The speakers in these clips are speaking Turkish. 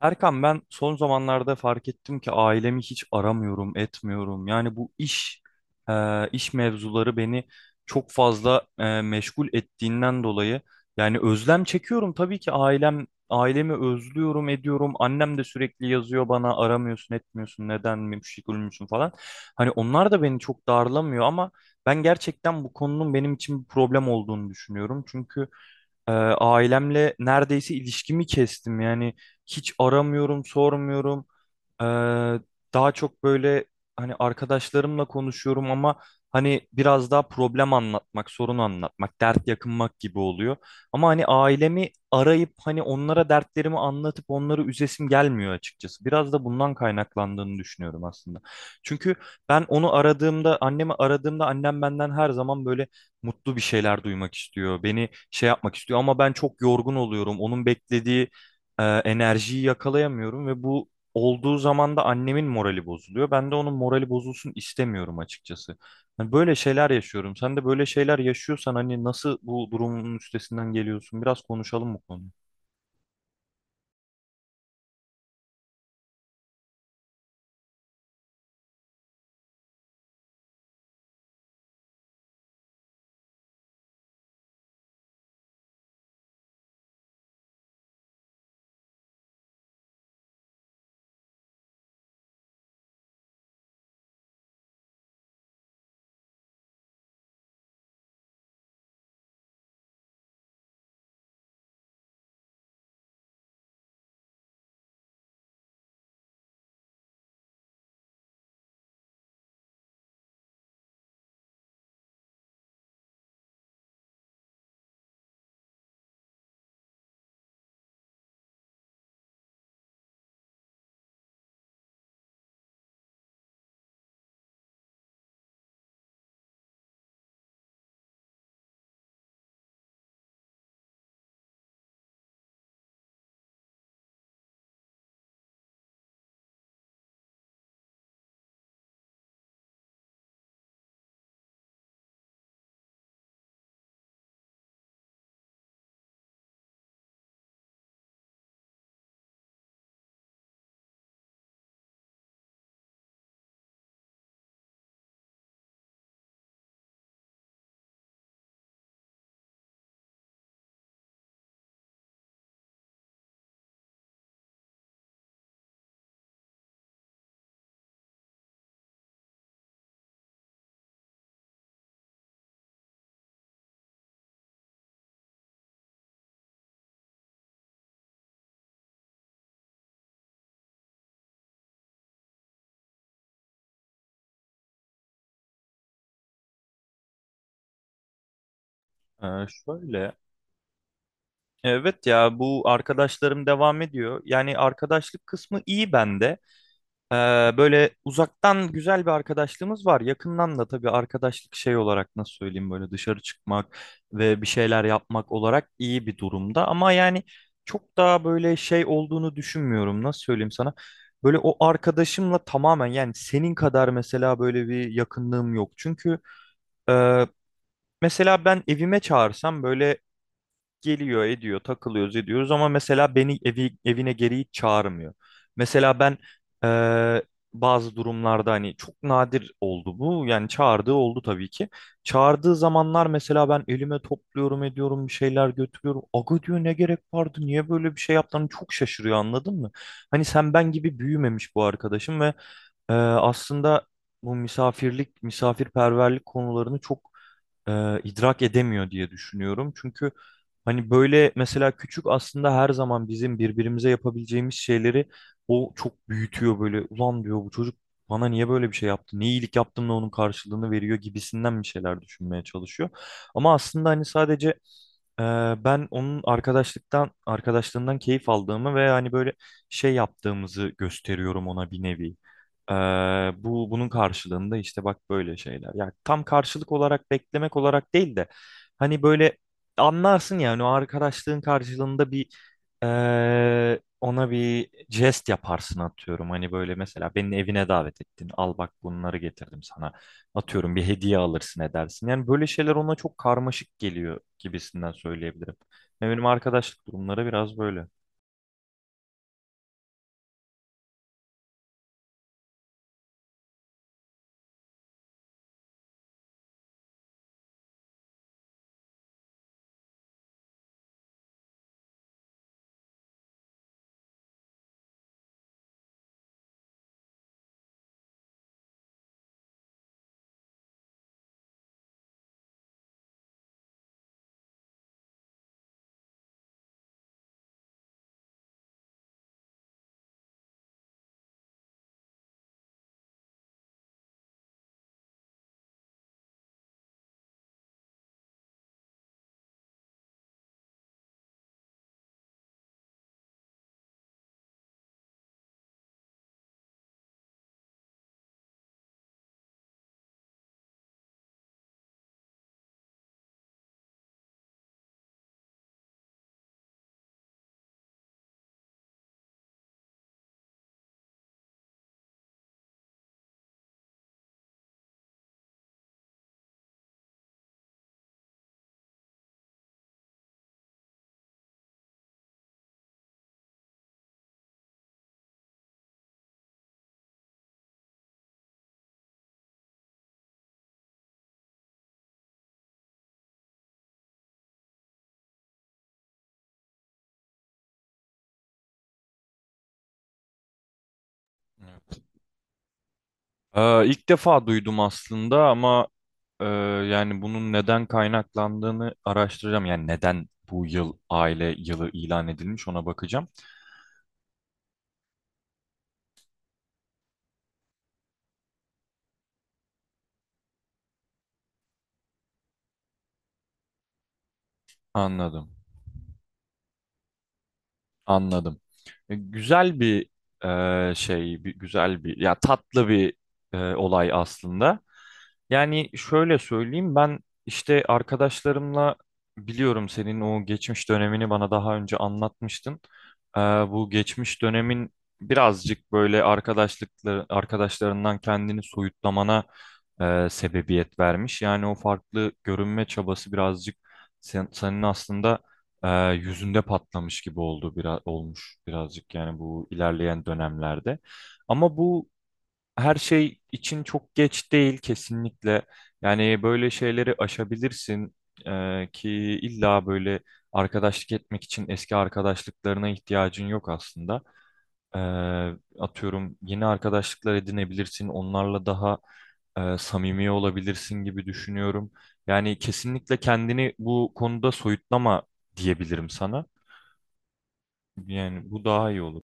Erkan, ben son zamanlarda fark ettim ki ailemi hiç aramıyorum, etmiyorum. Yani bu iş iş mevzuları beni çok fazla meşgul ettiğinden dolayı yani özlem çekiyorum tabii ki ailemi özlüyorum, ediyorum. Annem de sürekli yazıyor bana aramıyorsun, etmiyorsun, neden meşgul müsün falan. Hani onlar da beni çok darlamıyor ama ben gerçekten bu konunun benim için bir problem olduğunu düşünüyorum. Çünkü ailemle neredeyse ilişkimi kestim. Yani hiç aramıyorum, sormuyorum. Ee, Daha çok böyle hani arkadaşlarımla konuşuyorum ama hani biraz daha problem anlatmak, sorun anlatmak, dert yakınmak gibi oluyor. Ama hani ailemi arayıp hani onlara dertlerimi anlatıp onları üzesim gelmiyor açıkçası. Biraz da bundan kaynaklandığını düşünüyorum aslında. Çünkü ben onu aradığımda, annemi aradığımda annem benden her zaman böyle mutlu bir şeyler duymak istiyor. Beni şey yapmak istiyor ama ben çok yorgun oluyorum. Onun beklediği enerjiyi yakalayamıyorum ve bu olduğu zaman da annemin morali bozuluyor. Ben de onun morali bozulsun istemiyorum açıkçası. Hani böyle şeyler yaşıyorum. Sen de böyle şeyler yaşıyorsan hani nasıl bu durumun üstesinden geliyorsun? Biraz konuşalım bu konuyu. Şöyle. Evet ya, bu arkadaşlarım devam ediyor. Yani arkadaşlık kısmı iyi bende. Ee, Böyle uzaktan güzel bir arkadaşlığımız var. Yakından da tabii arkadaşlık şey olarak, nasıl söyleyeyim, böyle dışarı çıkmak ve bir şeyler yapmak olarak iyi bir durumda. Ama yani çok daha böyle şey olduğunu düşünmüyorum. Nasıl söyleyeyim sana? Böyle o arkadaşımla tamamen, yani senin kadar mesela, böyle bir yakınlığım yok. Çünkü e, mesela ben evime çağırsam böyle geliyor ediyor, takılıyoruz ediyoruz, ama mesela beni evine geri hiç çağırmıyor. Mesela ben eee, bazı durumlarda, hani çok nadir oldu bu, yani çağırdığı oldu tabii ki. Çağırdığı zamanlar mesela ben elime topluyorum ediyorum, bir şeyler götürüyorum. Aga diyor, ne gerek vardı, niye böyle bir şey yaptın? Hani çok şaşırıyor, anladın mı? Hani sen ben gibi büyümemiş bu arkadaşım ve aslında bu misafirlik misafirperverlik konularını çok idrak edemiyor diye düşünüyorum. Çünkü hani böyle mesela küçük, aslında her zaman bizim birbirimize yapabileceğimiz şeyleri o çok büyütüyor böyle. Ulan diyor, bu çocuk bana niye böyle bir şey yaptı? Ne iyilik yaptım da onun karşılığını veriyor gibisinden bir şeyler düşünmeye çalışıyor. Ama aslında hani sadece ee, ben onun arkadaşlığından keyif aldığımı ve hani böyle şey yaptığımızı gösteriyorum ona, bir nevi. Ee, Bu bunun karşılığında işte bak böyle şeyler. Yani tam karşılık olarak beklemek olarak değil de hani böyle anlarsın yani, o arkadaşlığın karşılığında bir ona bir jest yaparsın atıyorum. Hani böyle mesela beni evine davet ettin. Al bak bunları getirdim sana. Atıyorum bir hediye alırsın edersin. Yani böyle şeyler ona çok karmaşık geliyor gibisinden söyleyebilirim. Ve benim arkadaşlık durumları biraz böyle. Evet. İlk defa duydum aslında ama e, yani bunun neden kaynaklandığını araştıracağım. Yani neden bu yıl aile yılı ilan edilmiş ona bakacağım. Anladım. Anladım. Güzel bir güzel bir, ya tatlı bir olay aslında. Yani şöyle söyleyeyim, ben işte arkadaşlarımla, biliyorum senin o geçmiş dönemini bana daha önce anlatmıştın. Bu geçmiş dönemin birazcık böyle arkadaşlıkları arkadaşlarından kendini soyutlamana sebebiyet vermiş. Yani o farklı görünme çabası birazcık senin aslında e, yüzünde patlamış gibi oldu, biraz olmuş birazcık yani bu ilerleyen dönemlerde. Ama bu her şey için çok geç değil kesinlikle. Yani böyle şeyleri aşabilirsin. Ki illa böyle arkadaşlık etmek için eski arkadaşlıklarına ihtiyacın yok aslında. Ee, Atıyorum yeni arkadaşlıklar edinebilirsin, onlarla daha samimi olabilirsin gibi düşünüyorum. Yani kesinlikle kendini bu konuda soyutlama diyebilirim sana. Yani bu daha iyi olur.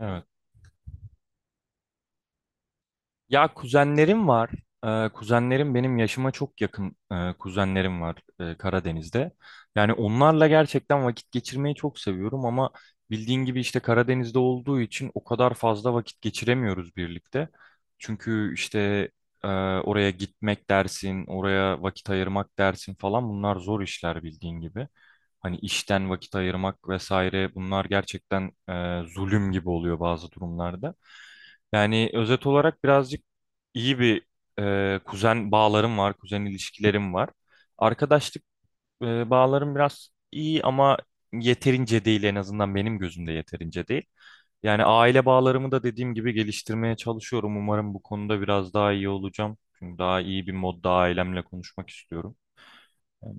Evet. Ya, kuzenlerim var. Kuzenlerim benim yaşıma çok yakın, kuzenlerim var Karadeniz'de. Yani onlarla gerçekten vakit geçirmeyi çok seviyorum ama bildiğin gibi işte Karadeniz'de olduğu için o kadar fazla vakit geçiremiyoruz birlikte. Çünkü işte e, oraya gitmek dersin, oraya vakit ayırmak dersin falan, bunlar zor işler bildiğin gibi. Hani işten vakit ayırmak vesaire, bunlar gerçekten zulüm gibi oluyor bazı durumlarda. Yani özet olarak birazcık iyi bir kuzen bağlarım var, kuzen ilişkilerim var. Arkadaşlık bağlarım biraz iyi ama yeterince değil, en azından benim gözümde yeterince değil. Yani aile bağlarımı da dediğim gibi geliştirmeye çalışıyorum. Umarım bu konuda biraz daha iyi olacağım. Çünkü daha iyi bir modda ailemle konuşmak istiyorum. Yani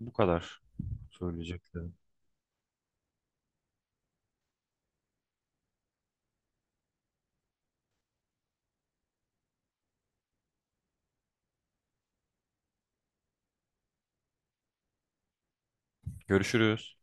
bu kadar söyleyeceklerim. Görüşürüz.